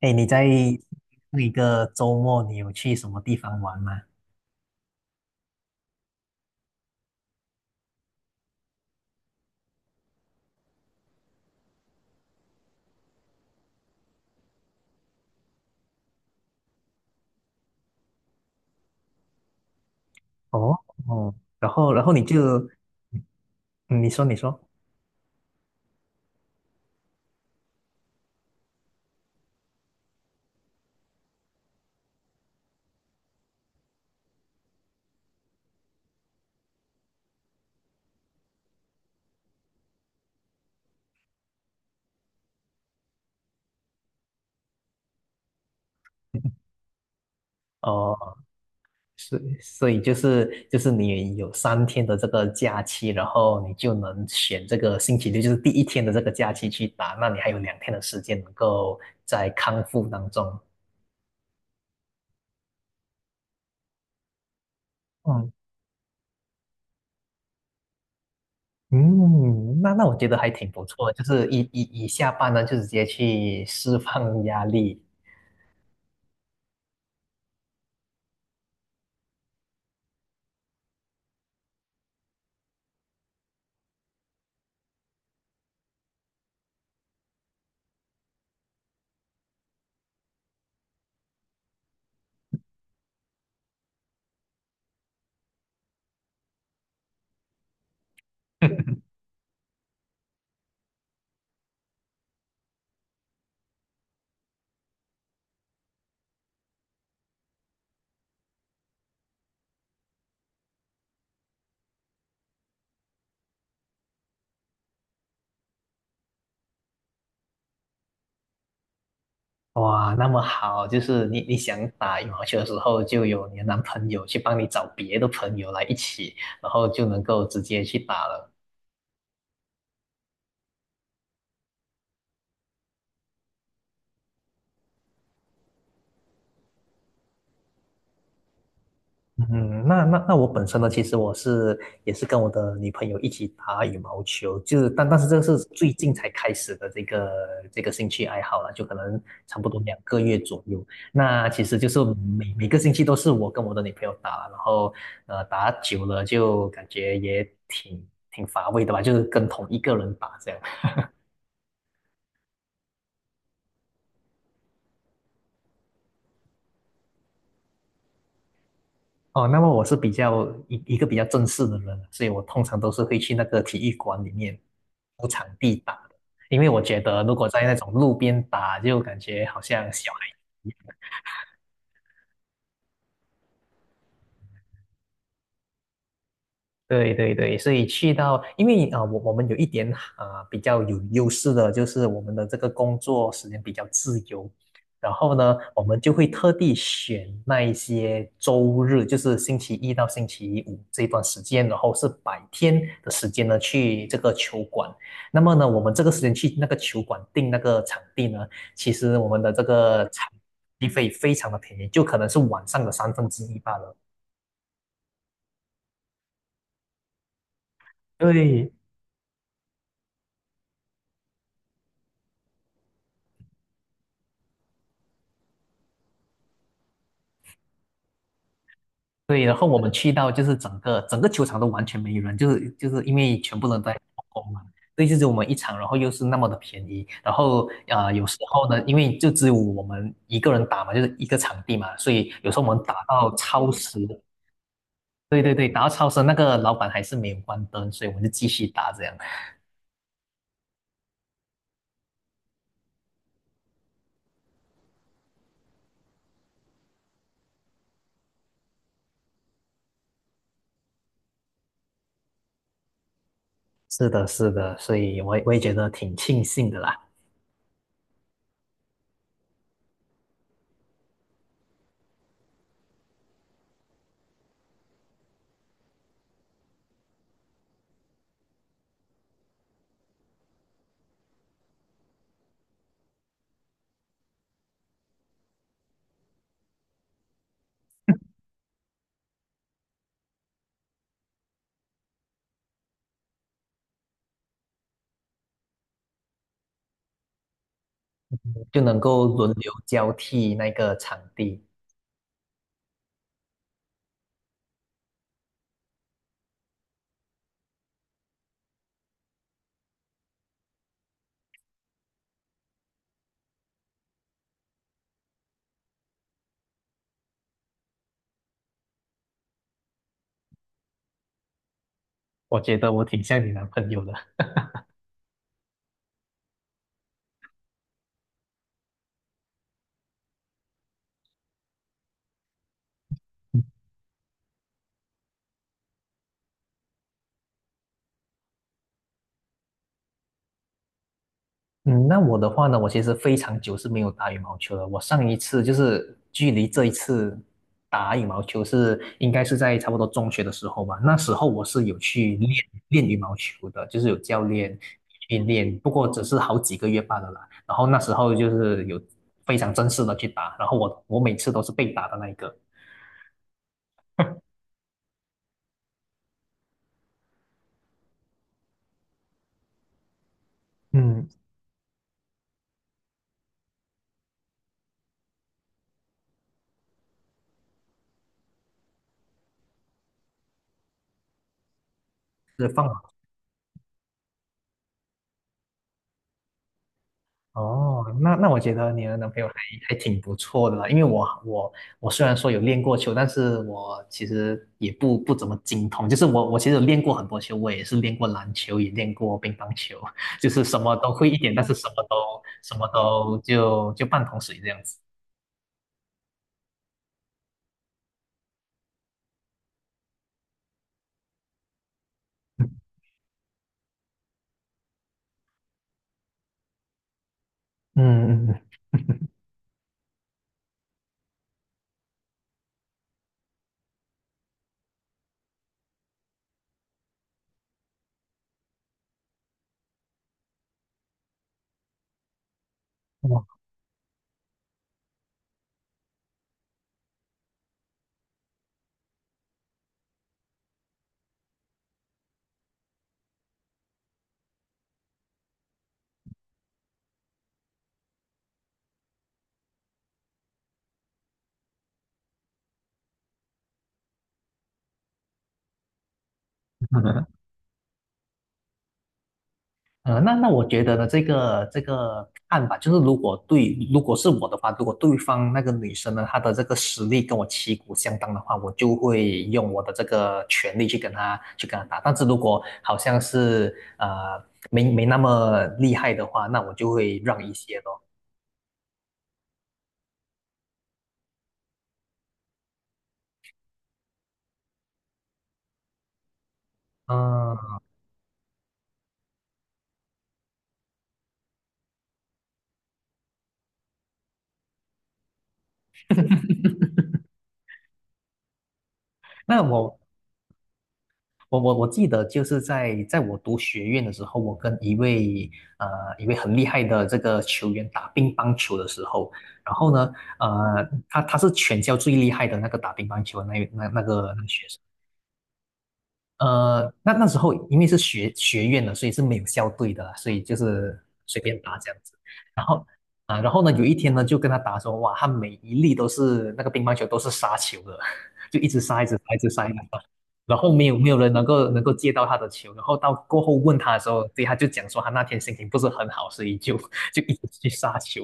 哎，你在那一个周末你有去什么地方玩吗？哦。哦，然后你就，嗯你说，哦。是，所以就是你有三天的这个假期，然后你就能选这个星期六，就是第一天的这个假期去打，那你还有两天的时间能够在康复当中。嗯嗯，那我觉得还挺不错的，就是一下班呢，就直接去释放压力。哇，那么好，就是你想打羽毛球的时候，就有你的男朋友去帮你找别的朋友来一起，然后就能够直接去打了。嗯，那我本身呢，其实我是也是跟我的女朋友一起打羽毛球，就是但是这个是最近才开始的这个兴趣爱好了，就可能差不多两个月左右。那其实就是每每个星期都是我跟我的女朋友打，然后打久了就感觉也挺乏味的吧，就是跟同一个人打这样。哦，那么我是比较一个比较正式的人，所以我通常都是会去那个体育馆里面租场地打的，因为我觉得如果在那种路边打，就感觉好像小。对对对，所以去到，因为我我们有一点比较有优势的，就是我们的这个工作时间比较自由，然后呢，我们就会特地选那一些周日，就是星期一到星期五这段时间，然后是白天的时间呢，去这个球馆。那么呢，我们这个时间去那个球馆订那个场地呢，其实我们的这个场地费非常的便宜，就可能是晚上的三分之一罢了。对。对，然后我们去到就是整个球场都完全没有人，就是因为全部人都在做工嘛。对，就只有我们一场，然后又是那么的便宜，然后有时候呢，因为就只有我们一个人打嘛，就是一个场地嘛，所以有时候我们打到超时，对对对，打到超时，那个老板还是没有关灯，所以我们就继续打这样。是的，是的，所以我也觉得挺庆幸的啦，就能够轮流交替那个场地，我觉得我挺像你男朋友的。嗯，那我的话呢，我其实非常久是没有打羽毛球了。我上一次就是距离这一次打羽毛球是应该是在差不多中学的时候吧。那时候我是有去练练羽毛球的，就是有教练去练，不过只是好几个月罢了啦。然后那时候就是有非常正式的去打，然后我每次都是被打的那一个，嗯，是放。哦，那那我觉得你的男朋友还挺不错的啦，因为我虽然说有练过球，但是我其实也不怎么精通，就是我其实有练过很多球，我也是练过篮球，也练过乒乓球，就是什么都会一点，但是什么都就半桶水这样子。嗯。嗯。嗯，哇 那那我觉得呢，这个这个看法就是如果对，如果是我的话，如果对方那个女生呢，她的这个实力跟我旗鼓相当的话，我就会用我的这个权利去跟她打。但是如果好像是没没那么厉害的话，那我就会让一些咯。嗯，那我记得就是在我读学院的时候，我跟一位呃一位很厉害的这个球员打乒乓球的时候，然后呢，呃，他是全校最厉害的那个打乒乓球的那个学生。呃，那那时候因为是学院的，所以是没有校队的所以就是随便打这样子。然后。啊，然后呢，有一天呢，就跟他打说，哇，他每一粒都是那个乒乓球都是杀球的，就一直杀，一直杀，一直杀，一直杀。然后没有人能够接到他的球，然后到过后问他的时候，对，他就讲说他那天心情不是很好，所以就 就一直去杀球。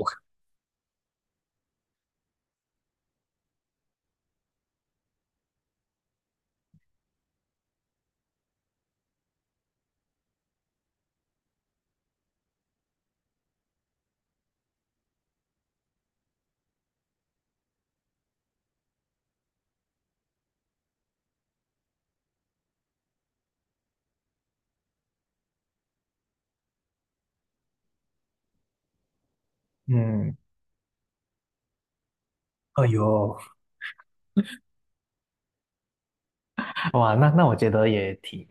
嗯。哎呦，哇，那那我觉得也挺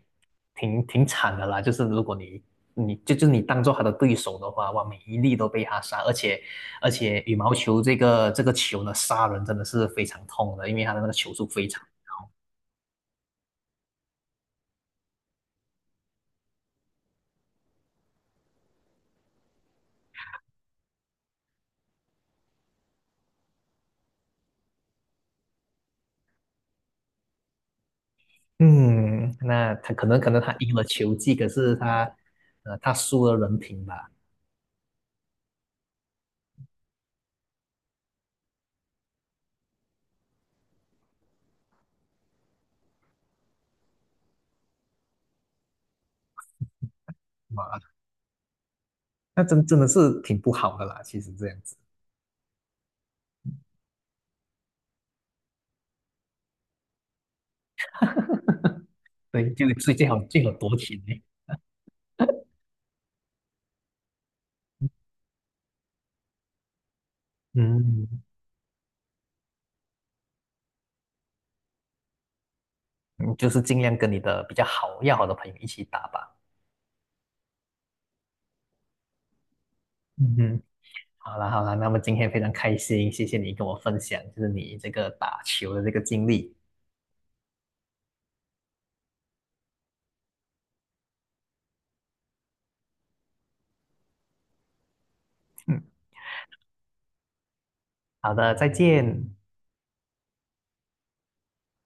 挺挺惨的啦。就是如果你你就就你当做他的对手的话，哇，每一粒都被他杀，而且羽毛球这个球呢，杀人真的是非常痛的，因为他的那个球速非常。嗯，那他可能他赢了球技，可是他他输了人品吧。哇，那真真的是挺不好的啦。其实这样子，对，就最好躲起来。嗯。嗯就是尽量跟你的比较好要好的朋友一起打吧。嗯哼。好啦好啦，那么今天非常开心，谢谢你跟我分享，就是你这个打球的这个经历。嗯，好的，再见。